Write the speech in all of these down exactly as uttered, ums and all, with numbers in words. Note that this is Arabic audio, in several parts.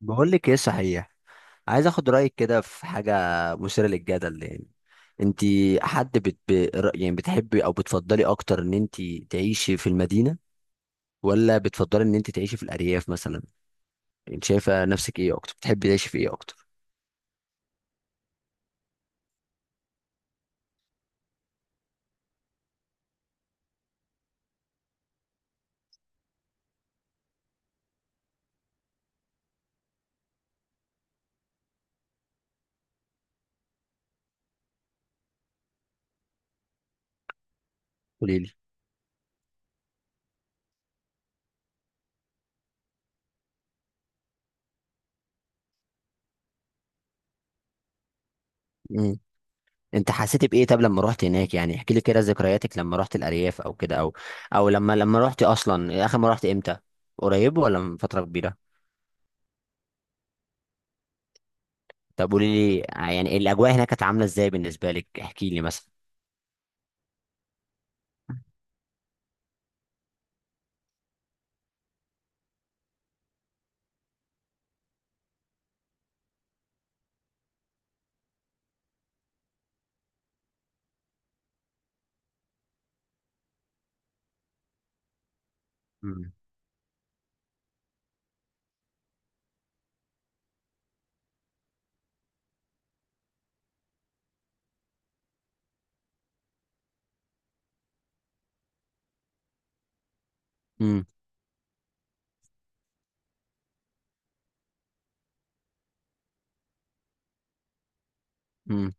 بقول لك ايه صحيح. عايز اخد رايك كده في حاجه مثيره للجدل يعني. انت حد بت... ب- ر- يعني بتحبي او بتفضلي اكتر ان انت تعيشي في المدينه، ولا بتفضلي ان انت تعيشي في الارياف مثلا؟ انت شايفه نفسك ايه اكتر؟ بتحبي تعيشي في ايه اكتر؟ قولي لي. امم انت حسيتي بايه طب لما رحت هناك؟ يعني احكي لي كده ذكرياتك لما رحت الارياف او كده، او او لما لما رحت اصلا. اخر ما رحت امتى؟ قريب ولا من فتره كبيره؟ طب قولي لي يعني الاجواء هناك كانت عامله ازاي بالنسبه لك؟ احكي لي مثلا. امم امم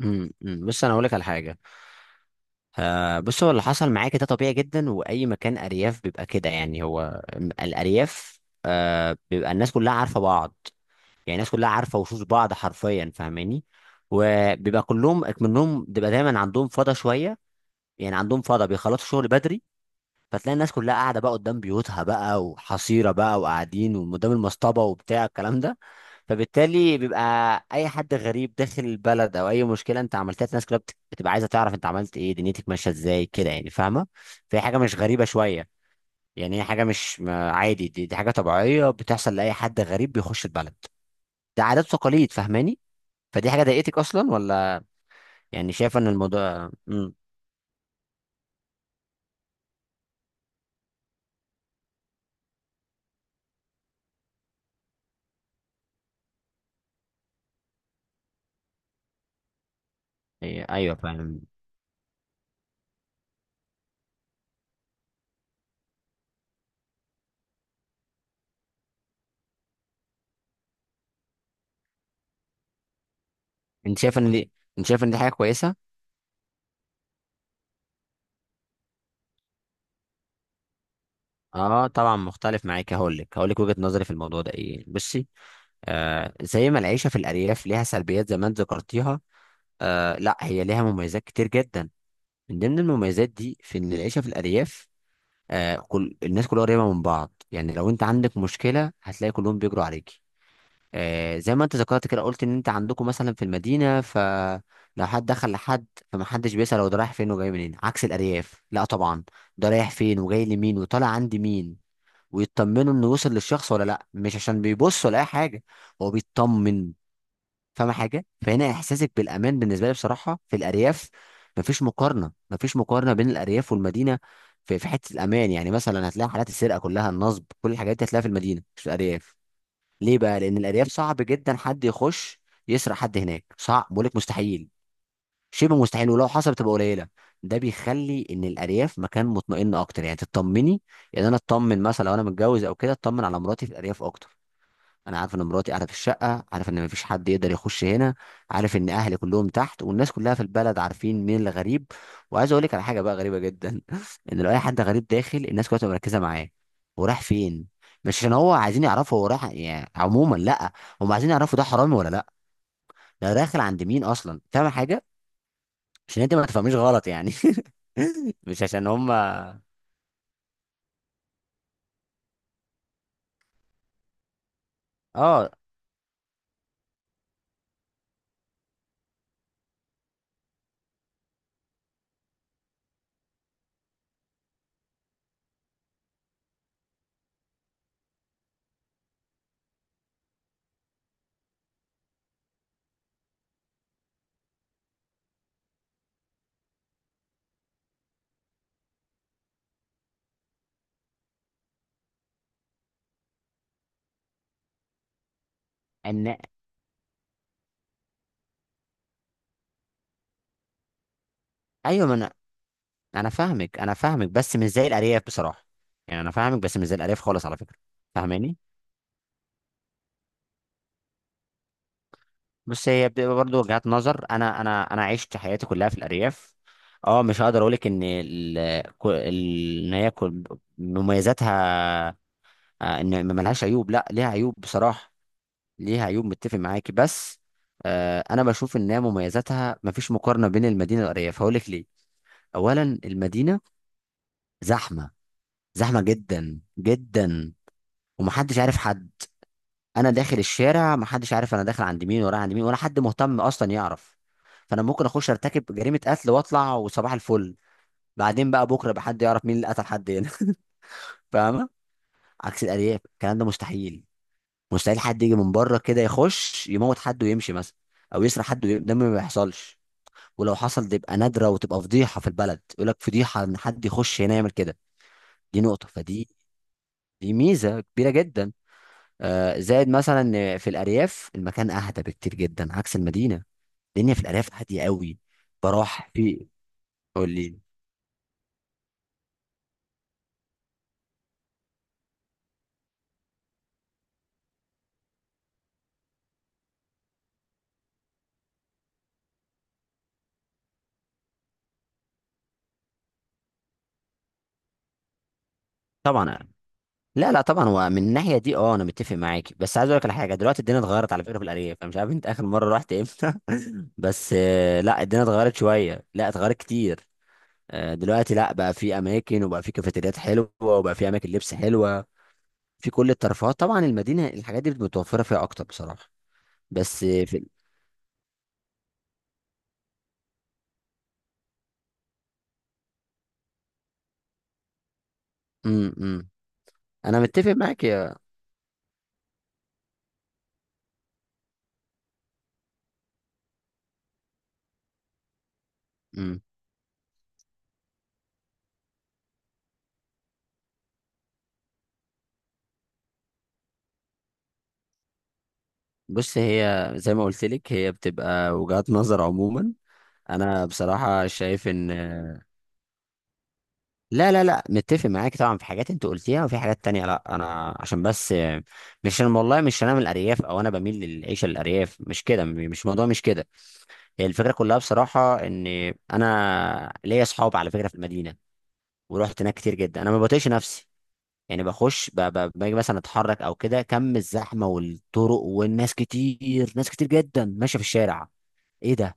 امم أمم. بص انا اقول لك على حاجه. آه بص، هو اللي حصل معاك ده طبيعي جدا، واي مكان ارياف بيبقى كده. يعني هو الارياف آه بيبقى الناس كلها عارفه بعض. يعني الناس كلها عارفه وشوش بعض حرفيا، فاهماني؟ وبيبقى كلهم منهم بيبقى دايما عندهم فضا شويه. يعني عندهم فضا بيخلصوا شغل بدري، فتلاقي الناس كلها قاعده بقى قدام بيوتها بقى، وحصيره بقى، وقاعدين وقدام المصطبه، وبتاع الكلام ده. فبالتالي بيبقى اي حد غريب داخل البلد او اي مشكله انت عملتها، الناس كلها بت- بتبقى عايزه تعرف انت عملت ايه، دنيتك ماشيه ازاي كده، يعني فاهمه؟ فهي حاجه مش غريبه شويه. يعني هي حاجه مش ما- عادي، دي, دي حاجه طبيعيه بتحصل لاي حد غريب بيخش البلد. ده عادات وتقاليد، فاهماني؟ فدي حاجه ضايقتك اصلا ولا؟ يعني شايفه ان الموضوع امم ايوه، فاهم. انت شايفه ان دي انت شايفه ان دي حاجه كويسه؟ اه طبعا مختلف معاك. هقول لك هقول لك وجهة نظري في الموضوع ده ايه. بصي، آه زي ما العيشه في الارياف ليها سلبيات زي ما انت ذكرتيها، آه لا هي ليها مميزات كتير جدا. من ضمن المميزات دي، في ان العيشه في الارياف، آه كل الناس كلها قريبه من بعض. يعني لو انت عندك مشكله هتلاقي كلهم بيجروا عليكي. آه زي ما انت ذكرت كده، قلت ان انت عندكم مثلا في المدينه فلو حد دخل لحد، فمحدش بيسأل هو ده رايح فين وجاي منين. عكس الارياف، لا طبعا، ده رايح فين وجاي لمين وطالع عند مين، ويطمنوا انه وصل للشخص ولا لا. مش عشان بيبص ولا اي حاجه، هو بيطمن. فاهم حاجه؟ فهنا احساسك بالامان بالنسبه لي، بصراحه في الارياف مفيش مقارنه، مفيش مقارنه بين الارياف والمدينه في في حته الامان. يعني مثلا هتلاقي حالات السرقه كلها، النصب، كل الحاجات دي هتلاقيها في المدينه مش في الارياف. ليه بقى؟ لان الارياف صعب جدا حد يخش يسرق حد هناك، صعب، بقول لك مستحيل، شبه مستحيل، ولو حصل بتبقى قليله. ده بيخلي ان الارياف مكان مطمئن اكتر، يعني تطمني. يعني انا اطمن مثلا لو انا متجوز او كده، اطمن على مراتي في الارياف اكتر. انا عارف ان مراتي قاعده في الشقه، عارف ان مفيش حد يقدر يخش هنا، عارف ان اهلي كلهم تحت، والناس كلها في البلد عارفين مين اللي غريب. وعايز اقول لك على حاجه بقى غريبه جدا ان لو اي حد غريب داخل، الناس كلها تبقى مركزه معاه هو راح فين. مش عشان هو عايزين يعرفوا هو راح يعني عموما، لا، هم عايزين يعرفوا ده حرامي ولا لا، ده داخل عند مين اصلا. فاهم حاجه؟ عشان انت ما تفهميش غلط يعني مش عشان هم. اه ان ايوه، ما انا انا فاهمك انا فاهمك، بس مش زي الارياف بصراحه. يعني انا فاهمك بس مش زي الارياف خالص، على فكره، فاهماني؟ بص هي بتبقى برضه وجهات نظر. انا انا انا عشت حياتي كلها في الارياف. اه مش هقدر اقولك ان ال... كو- ال... ان هي كل- مميزاتها. آه، ان ما لهاش عيوب، لا ليها عيوب بصراحه، ليها عيوب، متفق معاكي، بس آه، انا بشوف ان هي مميزاتها مفيش مقارنه بين المدينه والارياف. هقولك ليه، اولا المدينه زحمه، زحمه جدا جدا، ومحدش عارف حد. انا داخل الشارع محدش عارف انا داخل عند مين ورايح عند مين، ولا حد مهتم اصلا يعرف. فانا ممكن اخش ارتكب جريمه قتل واطلع وصباح الفل، بعدين بقى بكره بقى حد يعرف مين اللي قتل حد هنا فاهمه؟ عكس الارياف، الكلام ده مستحيل. مستحيل حد يجي من بره كده يخش يموت حد ويمشي مثلا، او يسرق حد ويم... ده ما بيحصلش. ولو حصل تبقى نادره، وتبقى فضيحه في البلد، يقول لك فضيحه ان حد يخش هنا يعمل كده. دي نقطه. فدي دي ميزه كبيره جدا. آه، زائد مثلا إن في الارياف المكان اهدى بكتير جدا عكس المدينه. الدنيا في الارياف هاديه قوي. بروح في قول لي. طبعا، لا لا طبعا، هو من الناحيه دي اه انا متفق معاك، بس عايز اقول لك على حاجه. دلوقتي الدنيا اتغيرت على فكره في الارياف، انا مش عارف انت اخر مره رحت امتى بس آه، لا الدنيا اتغيرت شويه، لا اتغيرت كتير. آه، دلوقتي لا، بقى في اماكن، وبقى في كافيتريات حلوه، وبقى في اماكن لبس حلوه، في كل الترفيهات. طبعا المدينه الحاجات دي متوفره فيها اكتر بصراحه. بس آه، في امم انا متفق معاك يا مم. بص هي زي ما قلت لك، هي بتبقى وجهات نظر عموما. انا بصراحه شايف ان لا لا لا، متفق معاك طبعا، في حاجات انت قلتيها وفي حاجات تانية لا. انا عشان بس، مش انا والله، مش انا من الارياف او انا بميل للعيشه للارياف، مش كده، مش موضوع مش كده. هي الفكره كلها بصراحه ان انا ليا اصحاب على فكره في المدينه، ورحت هناك كتير جدا. انا ما بطيقش نفسي، يعني بخش ب- ب- باجي مثلا اتحرك او كده، كم الزحمه والطرق والناس، كتير ناس كتير جدا ماشيه في الشارع. ايه ده؟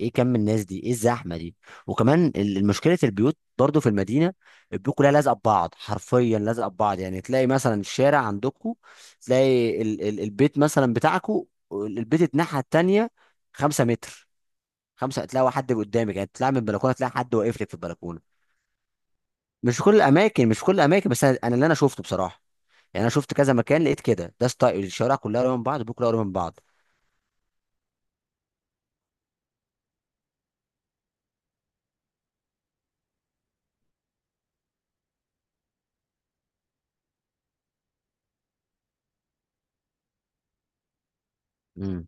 ايه كم الناس دي؟ ايه الزحمه دي؟ وكمان مشكله البيوت برضو في المدينه، البيوت كلها لازقه ببعض، حرفيا لازقه ببعض. يعني تلاقي مثلا الشارع عندكم، تلاقي ال ال البيت مثلا بتاعكم، البيت الناحيه التانيه، خمس متر، خمسة، تلاقي حد قدامك. يعني تطلع من البلكونه تلاقي حد واقف لك في البلكونه. مش في كل الاماكن، مش في كل الاماكن، بس انا أنا اللي انا شفته بصراحه. يعني انا شفت كذا مكان لقيت كده، ده ستايل، الشوارع كلها قريبه من بعض، البيوت كلها قريبه من بعض. امم.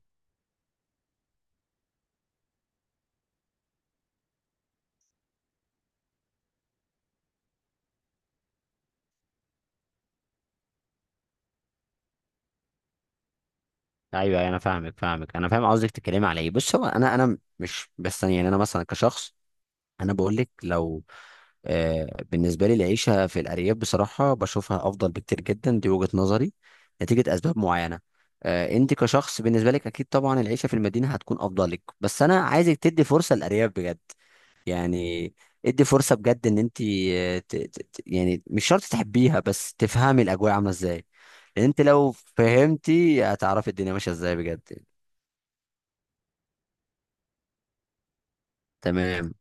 ايوه، أيوة، انا فاهمك فاهمك، انا فاهم قصدك تتكلمي على ايه. بص هو انا انا مش بس، يعني انا مثلا كشخص انا بقول لك لو آه بالنسبه لي العيشه في الارياف بصراحه بشوفها افضل بكتير جدا. دي وجهه نظري نتيجه اسباب معينه. آه انت كشخص بالنسبه لك اكيد طبعا العيشه في المدينه هتكون افضل لك، بس انا عايزك تدي فرصه للارياف بجد. يعني ادي فرصه بجد ان انت آه، ت- ت- ت- يعني مش شرط تحبيها، بس تفهمي الاجواء عامله ازاي. لان انت لو فهمتي هتعرفي الدنيا ماشيه ازاي بجد. تمام.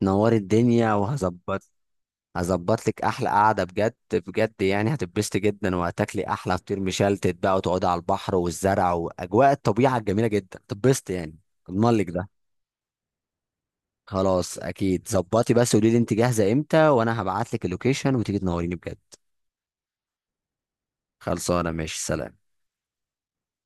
تنور الدنيا وهظبط. هظبط لك احلى قعده بجد بجد، يعني هتتبسطي جدا وهتاكلي احلى فطير مشلتت بقى، وتقعدي على البحر والزرع واجواء الطبيعه الجميله جدا، هتتبسطي يعني. اضمن لك ده. خلاص اكيد ظبطي، بس قولي لي انت جاهزه امتى وانا هبعت لك اللوكيشن وتيجي تنوريني بجد. خلصانه، ماشي سلام.